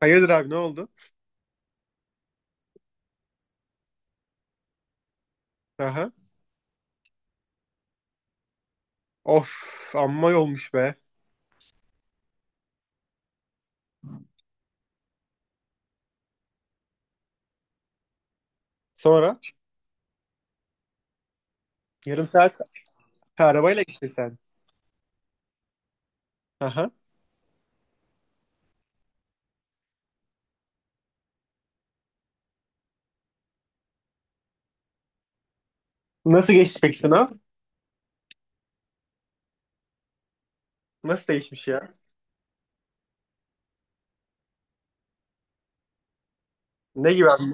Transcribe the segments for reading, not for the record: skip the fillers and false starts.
Hayırdır abi ne oldu? Aha. Of amma yolmuş be. Sonra yarım saat ha, arabayla gittin sen. Aha. Nasıl geçti peki sınav? Nasıl değişmiş ya? Ne gibi abi?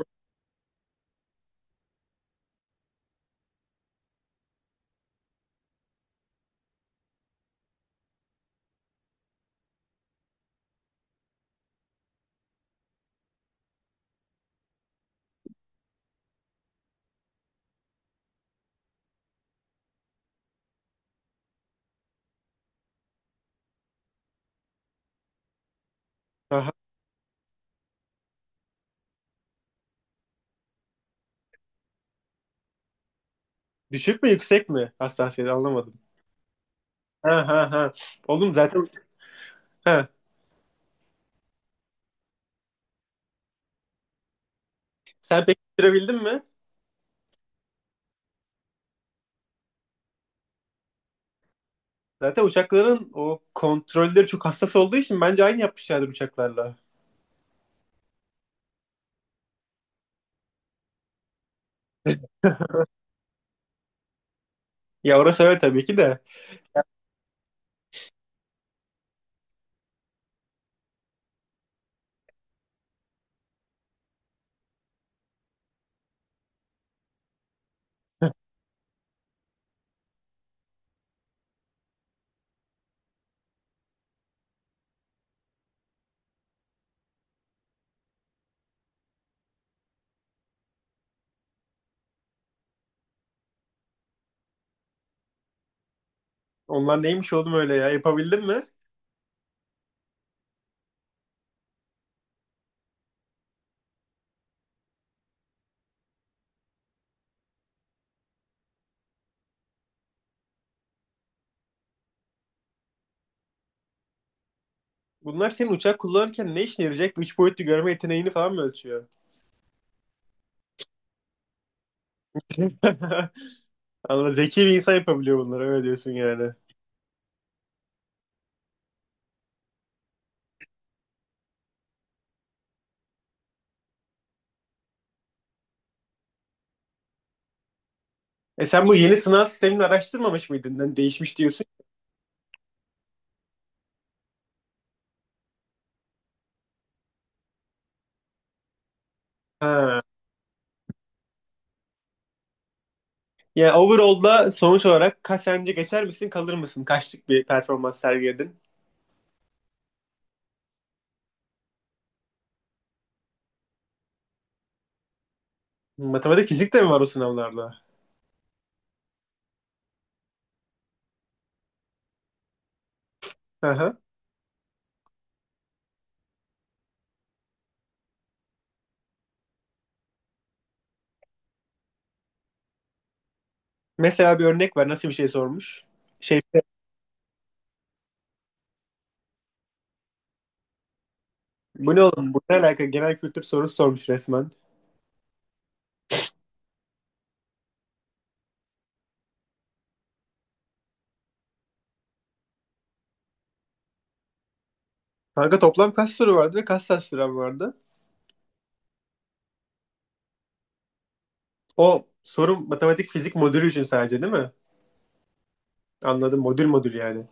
Aha. Düşük mü yüksek mi? Hassasiyet anlamadım. Ha ha ha. Oğlum zaten ha. Sen peki bitirebildin mi? Zaten uçakların o kontrolleri çok hassas olduğu için bence aynı yapmışlardır uçaklarla. Ya orası öyle tabii ki de. Onlar neymiş oğlum öyle ya? Yapabildin mi? Bunlar senin uçak kullanırken ne işine yarayacak? Üç boyutlu görme yeteneğini falan mı ölçüyor? Anladım. Zeki bir insan yapabiliyor bunları öyle diyorsun yani. E sen bu yeni sınav sistemini araştırmamış mıydın? Yani değişmiş diyorsun. Ha. Yani overall'da sonuç olarak kaç sence geçer misin kalır mısın? Kaçlık bir performans sergiledin? Matematik fizik de mi var o sınavlarda? Hı hı. Mesela bir örnek ver nasıl bir şey sormuş? Şey bu ne oğlum? Bu ne alaka? Genel kültür sorusu sormuş resmen. Kanka toplam kaç soru vardı ve kaç saat süren vardı? O soru matematik fizik modülü için sadece değil mi? Anladım, modül modül yani.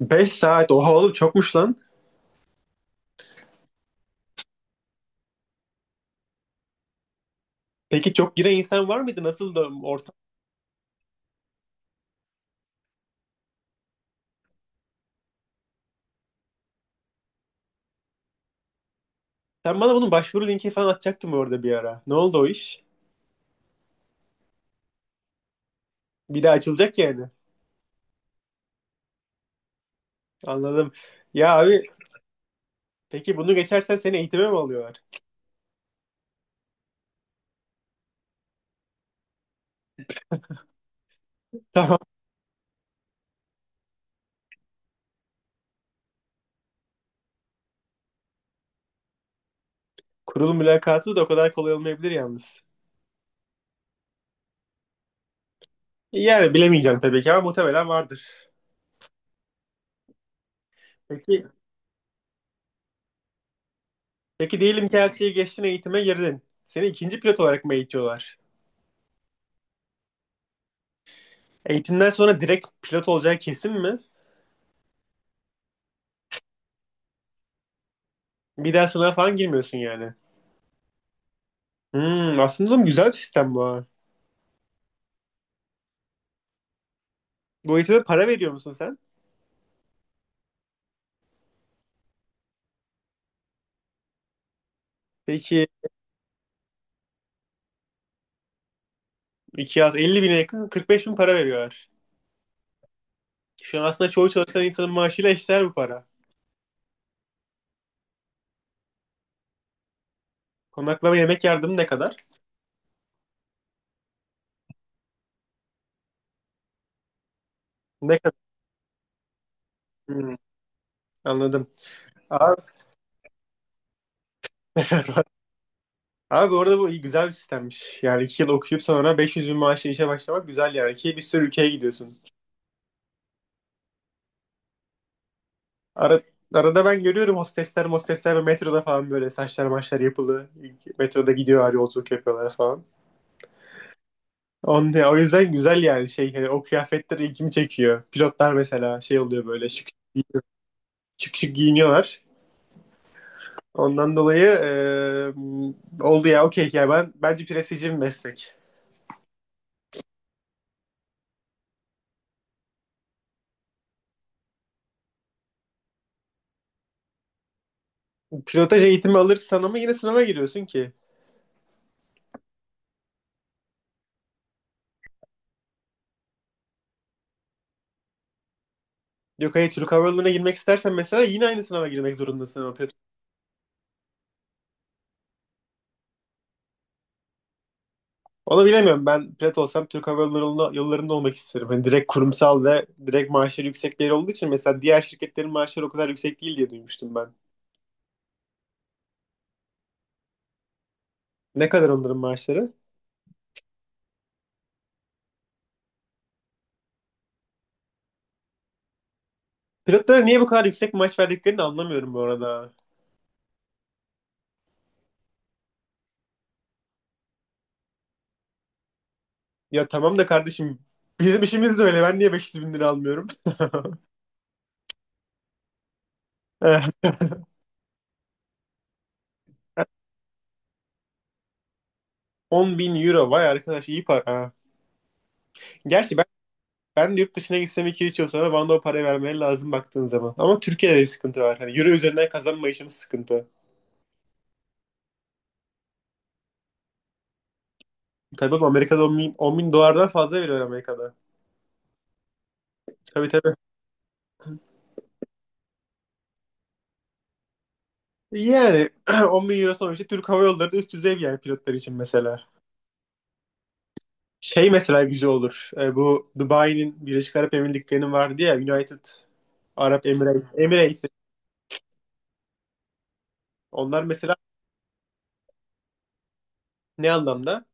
5 saat, oha oğlum çokmuş lan. Peki çok giren insan var mıydı? Nasıl da ortam? Sen bana bunun başvuru linki falan atacaktın orada bir ara. Ne oldu o iş? Bir daha açılacak yani. Anladım. Ya abi peki bunu geçersen seni eğitime mi alıyorlar? Tamam. Kurul mülakatı da o kadar kolay olmayabilir yalnız. Yani bilemeyeceğim tabii ki ama muhtemelen vardır. Peki, peki, diyelim ki elçiye geçtin, eğitime girdin. Seni ikinci pilot olarak mı eğitiyorlar? Eğitimden sonra direkt pilot olacağı kesin mi? Bir daha sınava falan girmiyorsun yani. Hmm, aslında oğlum güzel bir sistem bu ha. Bu eğitime para veriyor musun sen? Peki 2 yaz 50 bine yakın 45 bin para veriyorlar. Şu an aslında çoğu çalışan insanın maaşıyla eşdeğer bu para. Konaklama yemek yardımı ne kadar? Ne kadar? Hmm, anladım. Abi, abi bu arada bu iyi, güzel bir sistemmiş. Yani 2 yıl okuyup sonra 500 bin maaşla işe başlamak güzel yani. Ki bir sürü ülkeye gidiyorsun. Ara, arada ben görüyorum, hostesler mostesler ve metroda falan böyle saçlar maçlar yapılı. Metroda gidiyorlar, yolculuk yapıyorlar falan. O yüzden güzel yani, şey hani o kıyafetler ilgimi çekiyor. Pilotlar mesela şey oluyor, böyle şık şık, şık giyiniyorlar. Ondan dolayı oldu ya, okey ya, ben bence prestijli bir meslek. Pilotaj eğitimi alırsan ama yine sınava giriyorsun ki. Yok hayır, Türk Hava Yolları'na girmek istersen mesela yine aynı sınava girmek zorundasın ama pilot. Onu bilemiyorum, ben pilot olsam Türk Hava Yolları'nda, yollarında olmak isterim. Hani direkt kurumsal ve direkt maaşları yüksek bir yer olduğu için, mesela diğer şirketlerin maaşları o kadar yüksek değil diye duymuştum ben. Ne kadar onların maaşları? Pilotlara niye bu kadar yüksek maaş verdiklerini anlamıyorum bu arada. Ya tamam da kardeşim, bizim işimiz de öyle. Ben niye 500 bin lira almıyorum? 10 bin euro, vay arkadaş, iyi para. Gerçi ben de yurt dışına gitsem iki üç yıl sonra bana da o parayı vermeleri lazım baktığın zaman. Ama Türkiye'de bir sıkıntı var. Hani euro üzerinden kazanma işimiz sıkıntı. Tabii oğlum, Amerika'da 10 bin, 10 bin dolardan fazla veriyor Amerika'da. Tabii tabii. Yani 10 bin euro sonuçta, Türk Hava Yolları da üst düzey bir, yani pilotlar için mesela. Şey mesela güzel olur. Bu Dubai'nin, Birleşik Arap Emirlikleri'nin vardı ya, United Arab Emirates. Emirates. Onlar mesela ne anlamda?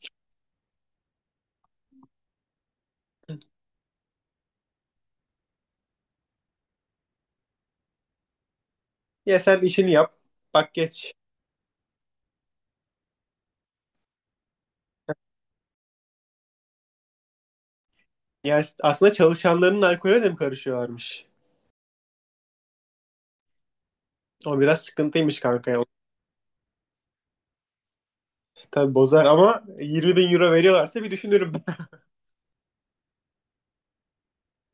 Ya sen işini yap. Bak geç. Yani aslında çalışanların alkolüne de mi karışıyorlarmış? O biraz sıkıntıymış kanka ya. Tabii bozar ama 20 bin euro veriyorlarsa bir düşünürüm.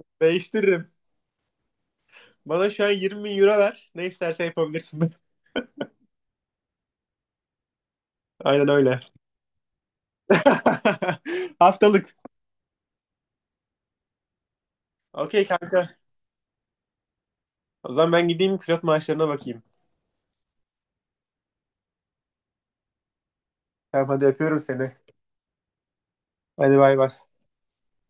Değiştiririm. Bana şu an 20 bin euro ver. Ne istersen yapabilirsin. Aynen öyle. Haftalık. Okey kanka. O zaman ben gideyim pilot maaşlarına bakayım. Tamam hadi öpüyorum seni. Hadi bay bay.